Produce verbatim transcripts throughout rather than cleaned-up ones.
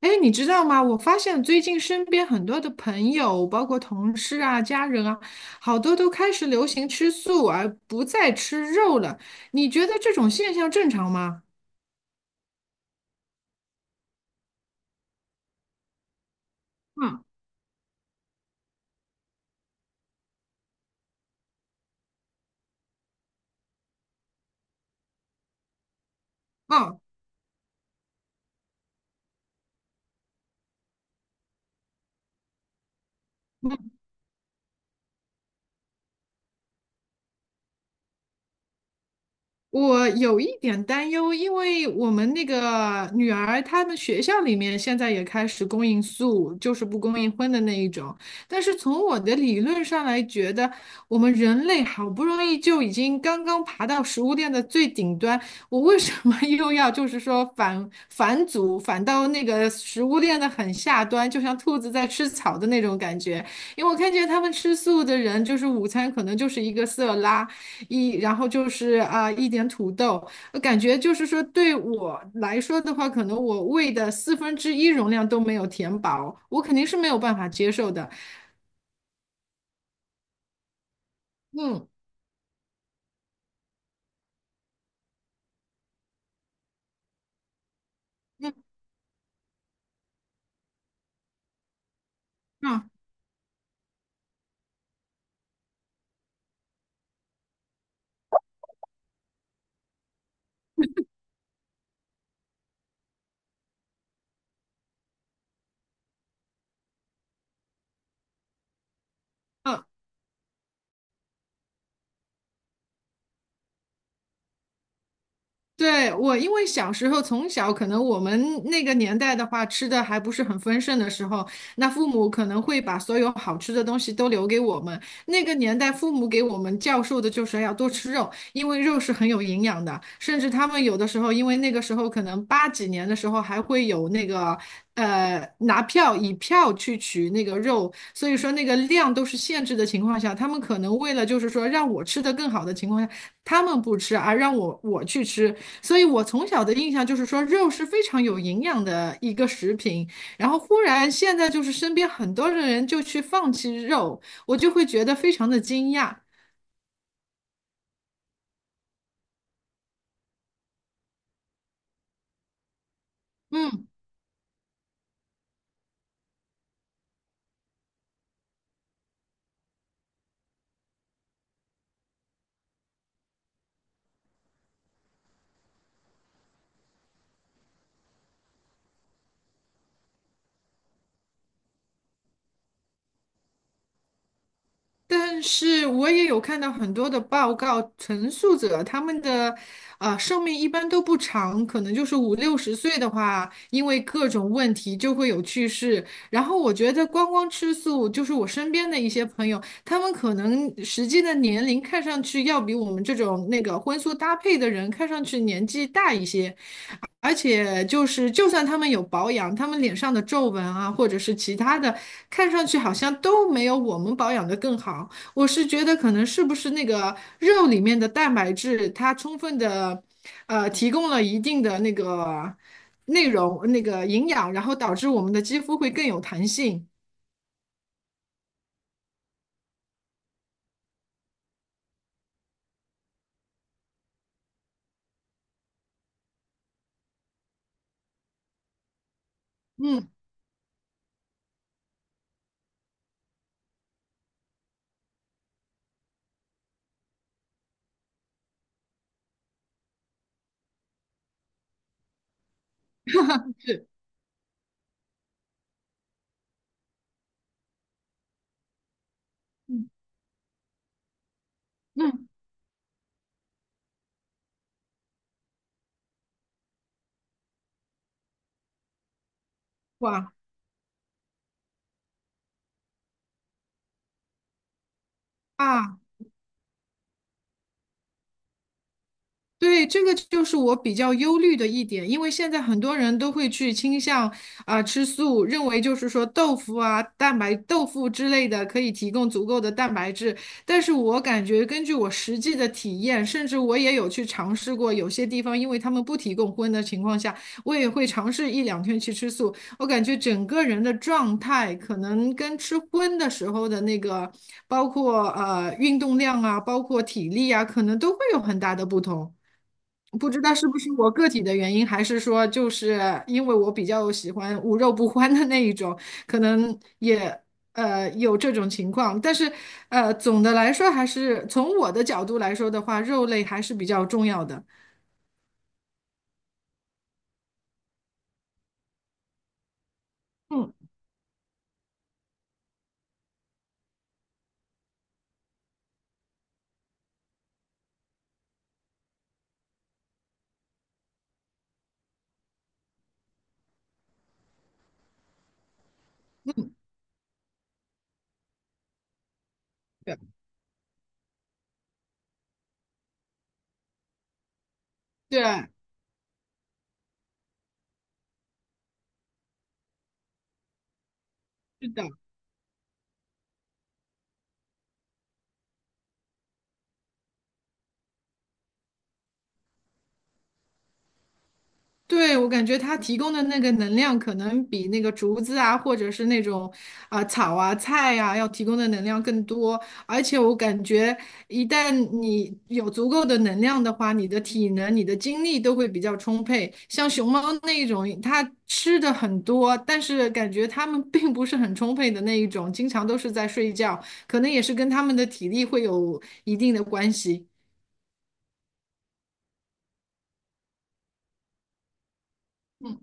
哎，你知道吗？我发现最近身边很多的朋友，包括同事啊、家人啊，好多都开始流行吃素，而不再吃肉了。你觉得这种现象正常吗？嗯，嗯我有一点担忧，因为我们那个女儿，他们学校里面现在也开始供应素，就是不供应荤的那一种。但是从我的理论上来觉得，我们人类好不容易就已经刚刚爬到食物链的最顶端，我为什么 又要就是说反反祖，反到那个食物链的很下端，就像兔子在吃草的那种感觉？因为我看见他们吃素的人，就是午餐可能就是一个色拉。一，然后就是啊、一点土豆，我感觉就是说对我来说的话，可能我胃的四分之一容量都没有填饱，我肯定是没有办法接受的。嗯。嗯。嗯。嗯。对，我因为小时候从小，可能我们那个年代的话，吃的还不是很丰盛的时候，那父母可能会把所有好吃的东西都留给我们。那个年代，父母给我们教授的就是要多吃肉，因为肉是很有营养的。甚至他们有的时候，因为那个时候可能八几年的时候还会有那个呃拿票以票去取那个肉，所以说那个量都是限制的情况下，他们可能为了就是说让我吃的更好的情况下。他们不吃，而让我我去吃，所以我从小的印象就是说肉是非常有营养的一个食品。然后忽然现在就是身边很多的人就去放弃肉，我就会觉得非常的惊讶。嗯。但是我也有看到很多的报告，陈述者他们的啊、呃寿命一般都不长，可能就是五六十岁的话，因为各种问题就会有去世。然后我觉得光光吃素，就是我身边的一些朋友，他们可能实际的年龄看上去要比我们这种那个荤素搭配的人看上去年纪大一些，而且就是，就算他们有保养，他们脸上的皱纹啊，或者是其他的，看上去好像都没有我们保养的更好。我是觉得，可能是不是那个肉里面的蛋白质，它充分的，呃，提供了一定的那个内容、那个营养，然后导致我们的肌肤会更有弹性。嗯。嗯。嗯。哇。啊！对，这个就是我比较忧虑的一点，因为现在很多人都会去倾向啊、吃素，认为就是说豆腐啊、蛋白豆腐之类的可以提供足够的蛋白质。但是我感觉根据我实际的体验，甚至我也有去尝试过，有些地方因为他们不提供荤的情况下，我也会尝试一两天去吃素。我感觉整个人的状态可能跟吃荤的时候的那个，包括呃运动量啊，包括体力啊，可能都会有很大的不同。不知道是不是我个体的原因，还是说就是因为我比较喜欢无肉不欢的那一种，可能也呃有这种情况。但是呃，总的来说，还是从我的角度来说的话，肉类还是比较重要的。嗯。对。对。是的。对，我感觉它提供的那个能量，可能比那个竹子啊，或者是那种啊、草啊、菜啊，要提供的能量更多。而且我感觉，一旦你有足够的能量的话，你的体能、你的精力都会比较充沛。像熊猫那一种，它吃的很多，但是感觉它们并不是很充沛的那一种，经常都是在睡觉，可能也是跟它们的体力会有一定的关系。嗯。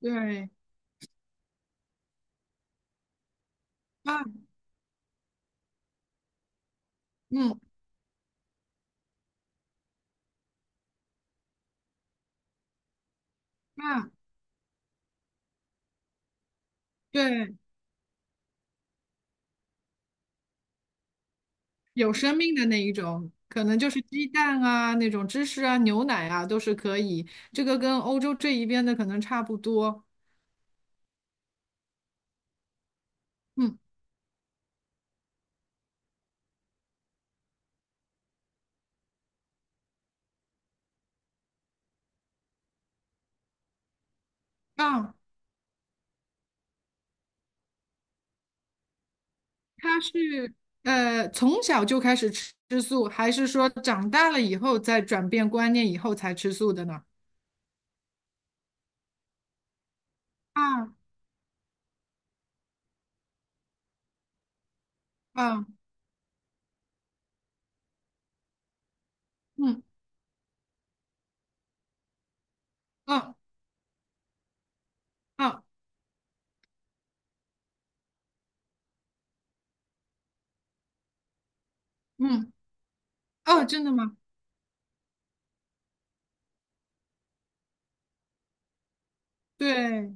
对。啊。嗯。啊。对。有生命的那一种，可能就是鸡蛋啊、那种芝士啊、牛奶啊都是可以。这个跟欧洲这一边的可能差不多。嗯。啊，他是呃从小就开始吃吃素，还是说长大了以后再转变观念以后才吃素的呢？啊。啊。嗯。嗯。嗯。嗯。哦，真的吗？对，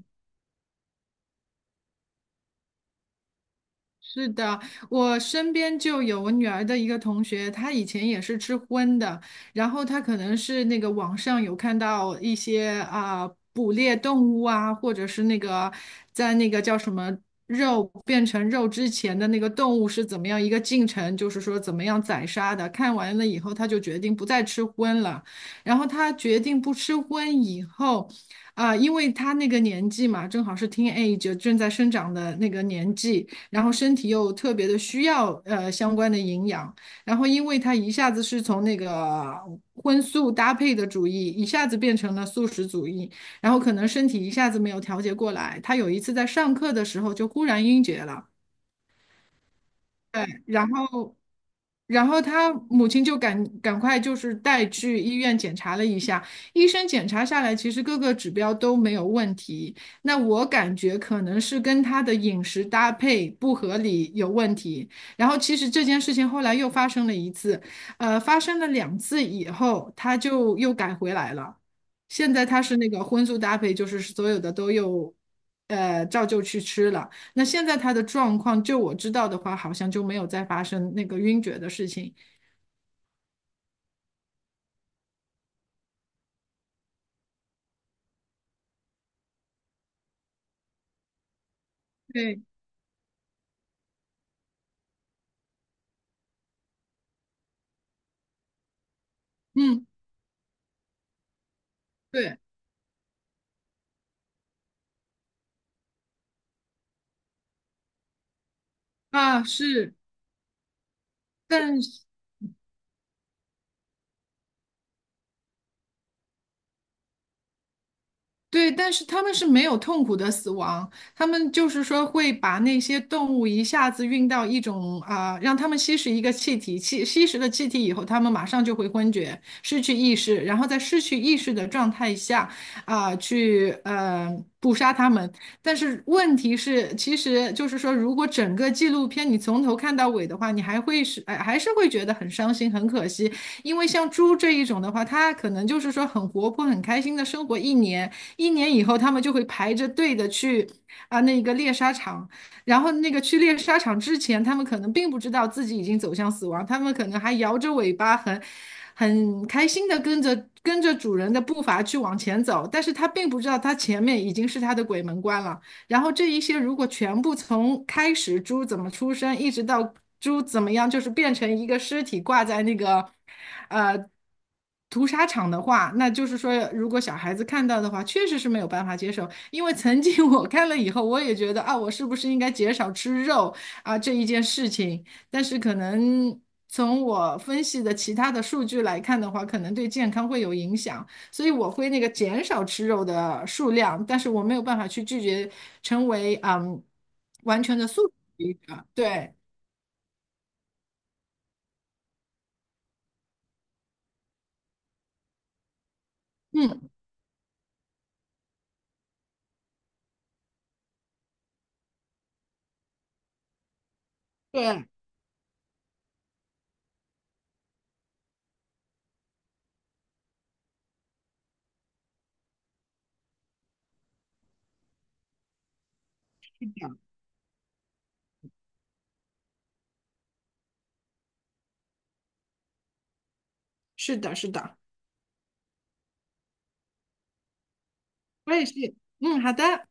是的，我身边就有我女儿的一个同学，她以前也是吃荤的，然后她可能是那个网上有看到一些啊、捕猎动物啊，或者是那个在那个叫什么肉变成肉之前的那个动物是怎么样一个进程，就是说怎么样宰杀的。看完了以后，她就决定不再吃荤了。然后她决定不吃荤以后。啊，因为她那个年纪嘛，正好是 teenage 正在生长的那个年纪，然后身体又特别的需要呃相关的营养，然后因为他一下子是从那个荤素搭配的主义，一下子变成了素食主义，然后可能身体一下子没有调节过来，他有一次在上课的时候就忽然晕厥了。对，然后然后他母亲就赶赶快就是带去医院检查了一下，医生检查下来，其实各个指标都没有问题。那我感觉可能是跟他的饮食搭配不合理有问题。然后其实这件事情后来又发生了一次，呃，发生了两次以后，他就又改回来了。现在他是那个荤素搭配，就是所有的都又，呃，照旧去吃了。那现在他的状况，就我知道的话，好像就没有再发生那个晕厥的事情。对。嗯。对啊，是，但是。对，但是他们是没有痛苦的死亡，他们就是说会把那些动物一下子运到一种啊、让他们吸食一个气体，吸吸食了气体以后，他们马上就会昏厥，失去意识，然后在失去意识的状态下啊、去呃捕杀他们。但是问题是，其实就是说，如果整个纪录片你从头看到尾的话，你还会是哎还是会觉得很伤心、很可惜，因为像猪这一种的话，它可能就是说很活泼、很开心的生活一年。一年以后他们就会排着队的去啊那个猎杀场，然后那个去猎杀场之前，他们可能并不知道自己已经走向死亡，他们可能还摇着尾巴很。很开心的跟着跟着主人的步伐去往前走，但是他并不知道他前面已经是他的鬼门关了。然后这一些如果全部从开始猪怎么出生，一直到猪怎么样，就是变成一个尸体挂在那个呃屠杀场的话，那就是说，如果小孩子看到的话，确实是没有办法接受。因为曾经 我看了以后，我也觉得啊，我是不是应该减少吃肉啊这一件事情，但是可能。从我分析的其他的数据来看的话，可能对健康会有影响。所以我会那个减少吃肉的数量，但是我没有办法去拒绝成为嗯完全的素食主义者。对。嗯。对。是的。是的。我也是。嗯，好的。